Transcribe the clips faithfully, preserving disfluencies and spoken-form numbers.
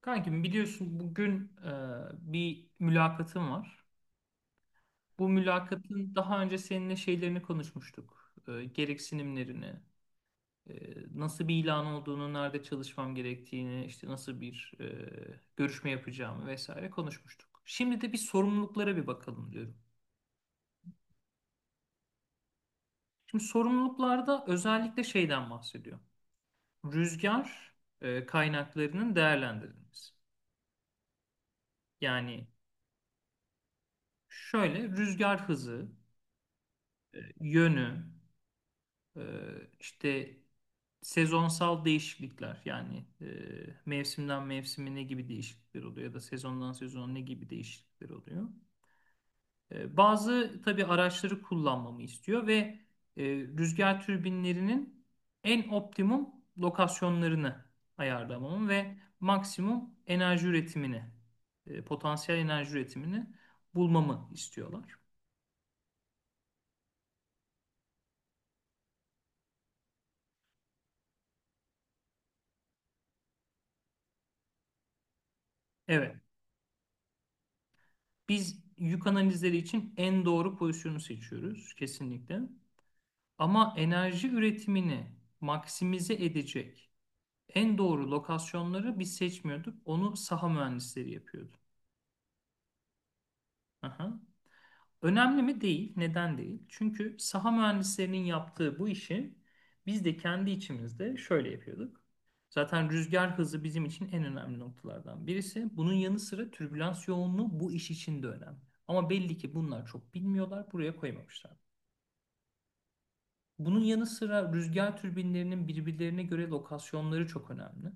Kankim biliyorsun bugün e, bir mülakatım var. Bu mülakatın daha önce seninle şeylerini konuşmuştuk. E, gereksinimlerini, e, nasıl bir ilan olduğunu, nerede çalışmam gerektiğini, işte nasıl bir e, görüşme yapacağımı vesaire konuşmuştuk. Şimdi de bir sorumluluklara bir bakalım diyorum. Şimdi sorumluluklarda özellikle şeyden bahsediyor. Rüzgar e, kaynaklarının değerlendirilmesi. Yani şöyle rüzgar hızı, e, yönü, Ee, işte sezonsal değişiklikler, yani e, mevsimden mevsime ne gibi değişiklikler oluyor ya da sezondan sezona ne gibi değişiklikler oluyor. E, bazı tabii araçları kullanmamı istiyor ve e, rüzgar türbinlerinin en optimum lokasyonlarını ayarlamamı ve maksimum enerji üretimini, e, potansiyel enerji üretimini bulmamı istiyorlar. Evet. Biz yük analizleri için en doğru pozisyonu seçiyoruz kesinlikle. Ama enerji üretimini maksimize edecek en doğru lokasyonları biz seçmiyorduk. Onu saha mühendisleri yapıyordu. Aha. Önemli mi? Değil. Neden değil? Çünkü saha mühendislerinin yaptığı bu işi biz de kendi içimizde şöyle yapıyorduk. Zaten rüzgar hızı bizim için en önemli noktalardan birisi. Bunun yanı sıra türbülans yoğunluğu bu iş için de önemli. Ama belli ki bunlar çok bilmiyorlar, buraya koymamışlar. Bunun yanı sıra rüzgar türbinlerinin birbirlerine göre lokasyonları çok önemli.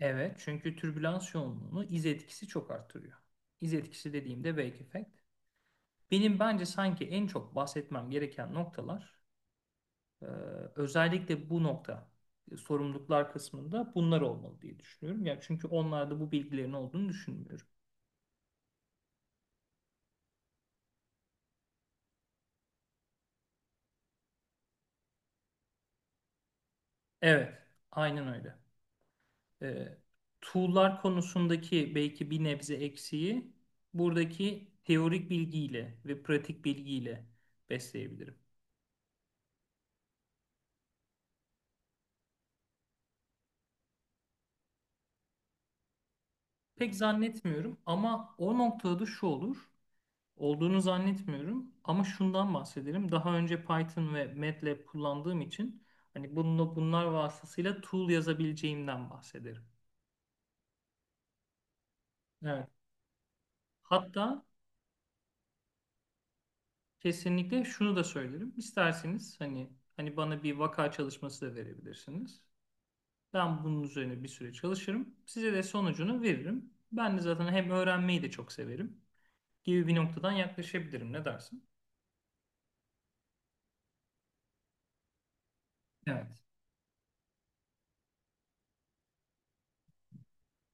Evet, çünkü türbülans yoğunluğunu iz etkisi çok arttırıyor. İz etkisi dediğimde wake effect. Benim bence sanki en çok bahsetmem gereken noktalar, e, özellikle bu nokta, e, sorumluluklar kısmında bunlar olmalı diye düşünüyorum. Yani çünkü onlarda bu bilgilerin olduğunu düşünmüyorum. Evet, aynen öyle. E, Tool'lar konusundaki belki bir nebze eksiği buradaki teorik bilgiyle ve pratik bilgiyle besleyebilirim. Pek zannetmiyorum ama o noktada şu olur. Olduğunu zannetmiyorum ama şundan bahsedelim. Daha önce Python ve MATLAB kullandığım için hani bununla bunlar vasıtasıyla tool yazabileceğimden bahsederim. Evet. Hatta kesinlikle şunu da söylerim. İsterseniz hani hani bana bir vaka çalışması da verebilirsiniz. Ben bunun üzerine bir süre çalışırım. Size de sonucunu veririm. Ben de zaten hem öğrenmeyi de çok severim gibi bir noktadan yaklaşabilirim. Ne dersin? Evet.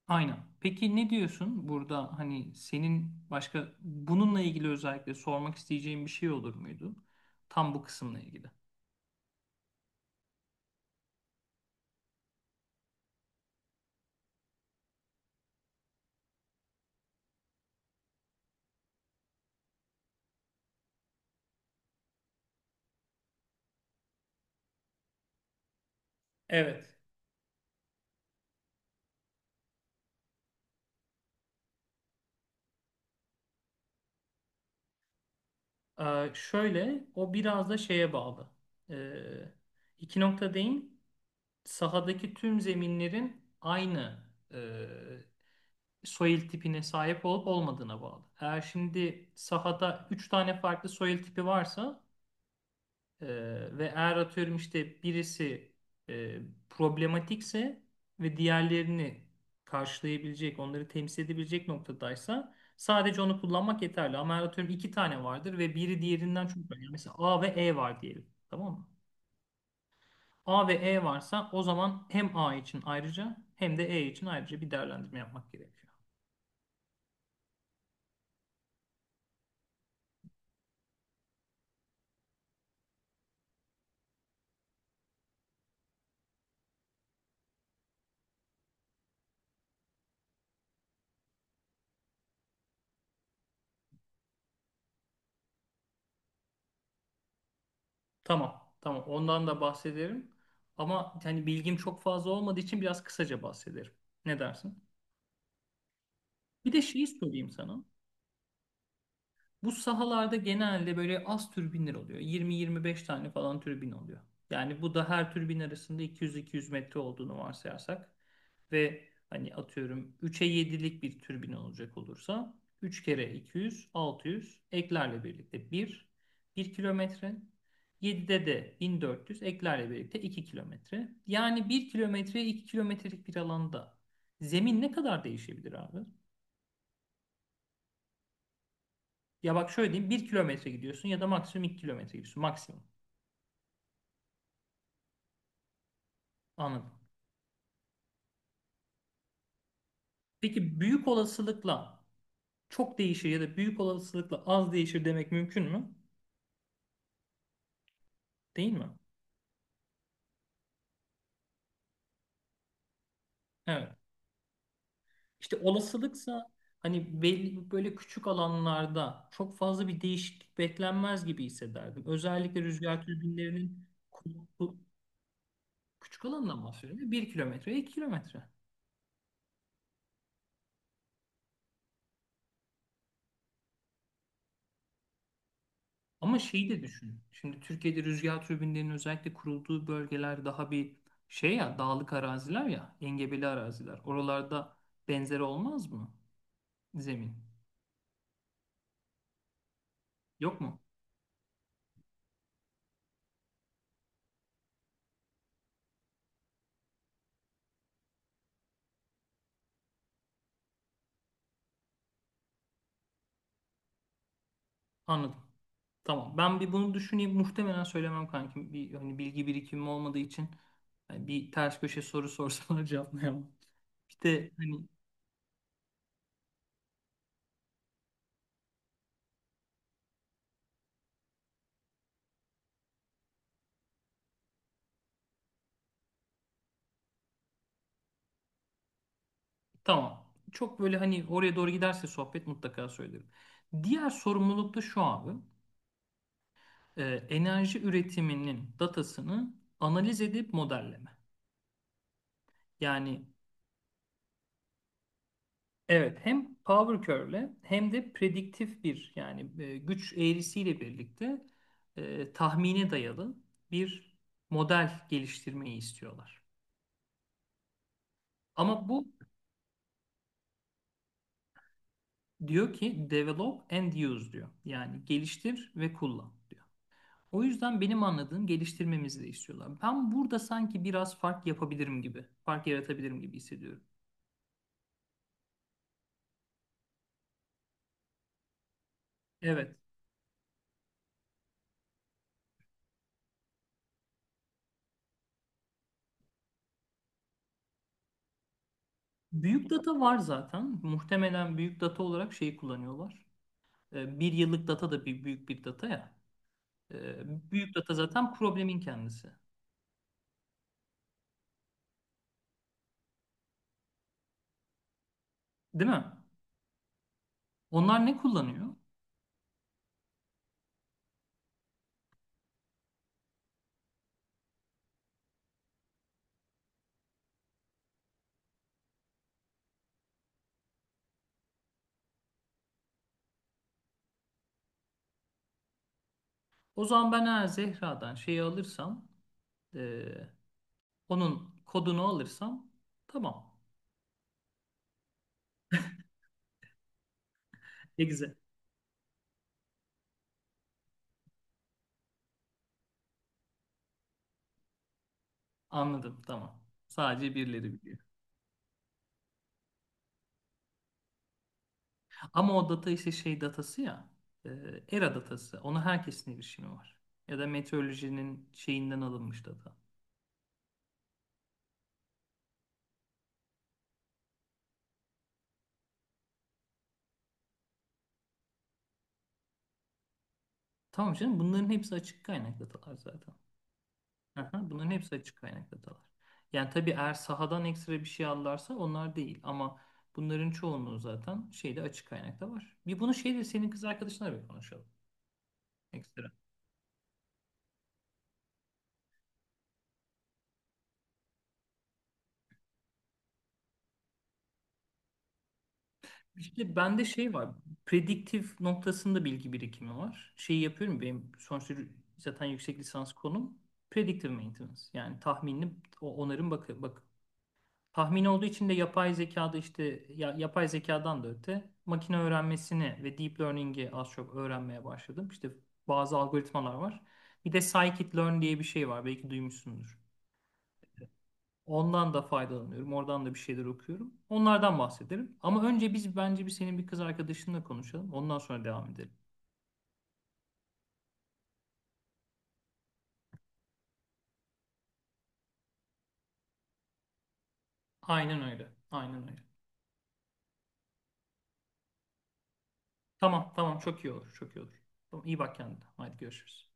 Aynen. Peki ne diyorsun burada, hani senin başka bununla ilgili özellikle sormak isteyeceğin bir şey olur muydu? Tam bu kısımla ilgili. Evet. Ee, şöyle, o biraz da şeye bağlı. Ee, iki nokta değil. Sahadaki tüm zeminlerin aynı e, soil tipine sahip olup olmadığına bağlı. Eğer şimdi sahada üç tane farklı soil tipi varsa, Ee, ve eğer atıyorum işte birisi e, problematikse ve diğerlerini karşılayabilecek, onları temsil edebilecek noktadaysa sadece onu kullanmak yeterli. Ama eğer atıyorum iki tane vardır ve biri diğerinden çok önemli. Yani mesela A ve E var diyelim. Tamam mı? A ve E varsa o zaman hem A için ayrıca hem de E için ayrıca bir değerlendirme yapmak gerekiyor. Tamam, tamam. Ondan da bahsederim. Ama hani bilgim çok fazla olmadığı için biraz kısaca bahsederim. Ne dersin? Bir de şeyi sorayım sana. Bu sahalarda genelde böyle az türbinler oluyor. yirmi yirmi beş tane falan türbin oluyor. Yani bu da her türbin arasında iki yüz iki yüz metre olduğunu varsayarsak ve hani atıyorum üçe yedilik bir türbin olacak olursa, üç kere iki yüz, altı yüz, eklerle birlikte bir, bir kilometre. yedide de bin dört yüz, eklerle birlikte iki kilometre. Yani bir kilometre iki kilometrelik bir alanda zemin ne kadar değişebilir abi? Ya bak şöyle diyeyim, bir kilometre gidiyorsun ya da maksimum iki kilometre gidiyorsun. Maksimum. Anladım. Peki büyük olasılıkla çok değişir ya da büyük olasılıkla az değişir demek mümkün mü? Değil mi? Evet. İşte olasılıksa hani belli, böyle küçük alanlarda çok fazla bir değişiklik beklenmez gibi hissederdim. Özellikle rüzgar türbinlerinin kullandığı- küçük alandan bahsediyorum. Bir kilometre, iki kilometre. Ama şeyi de düşün. Şimdi Türkiye'de rüzgar türbinlerinin özellikle kurulduğu bölgeler daha bir şey, ya dağlık araziler ya engebeli araziler. Oralarda benzeri olmaz mı zemin? Yok mu? Anladım. Tamam. Ben bir bunu düşüneyim. Muhtemelen söylemem kankim. Bir hani bilgi birikimim olmadığı için hani bir ters köşe soru sorsalar cevaplayamam. Bir de hani tamam. Çok böyle hani oraya doğru giderse sohbet, mutlaka söylerim. Diğer sorumluluk da şu abi. e, Enerji üretiminin datasını analiz edip modelleme. Yani evet, hem power curve'le hem de prediktif bir, yani e, güç eğrisiyle birlikte e, tahmine dayalı bir model geliştirmeyi istiyorlar. Ama bu diyor ki develop and use diyor. Yani geliştir ve kullan diyor. O yüzden benim anladığım geliştirmemizi de istiyorlar. Ben burada sanki biraz fark yapabilirim gibi, fark yaratabilirim gibi hissediyorum. Evet. Büyük data var zaten. Muhtemelen büyük data olarak şeyi kullanıyorlar. Ee, Bir yıllık data da bir büyük bir data ya. Ee, Büyük data zaten problemin kendisi. Değil mi? Onlar ne kullanıyor? O zaman ben eğer Zehra'dan şeyi alırsam, e, onun kodunu alırsam tamam. Ne güzel. Anladım, tamam. Sadece birileri biliyor. Ama o data işte şey datası ya, e, ERA datası. Ona herkesin erişimi var. Ya da meteorolojinin şeyinden alınmış data. Tamam canım, bunların hepsi açık kaynak datalar zaten. Aha, bunların hepsi açık kaynak datalar. Yani tabii eğer sahadan ekstra bir şey alırlarsa onlar değil, ama bunların çoğunluğu zaten şeyde, açık kaynakta var. Bir bunu şeyde, senin kız arkadaşına bir konuşalım ekstra. İşte bende şey var. Prediktif noktasında bilgi birikimi var. Şeyi yapıyorum, benim sonuçta zaten yüksek lisans konum predictive maintenance. Yani tahminli o- onarım, bak, bak. Tahmin olduğu için de yapay zekada, işte ya- yapay zekadan da öte makine öğrenmesini ve deep learning'i az çok öğrenmeye başladım. İşte bazı algoritmalar var. Bir de scikit-learn diye bir şey var. Belki duymuşsundur. Ondan da faydalanıyorum. Oradan da bir şeyler okuyorum. Onlardan bahsederim. Ama önce biz bence bir, senin bir kız arkadaşınla konuşalım. Ondan sonra devam edelim. Aynen öyle. Aynen öyle. Tamam, tamam. Çok iyi olur. Çok iyi olur. Tamam, iyi bak kendine. Haydi görüşürüz.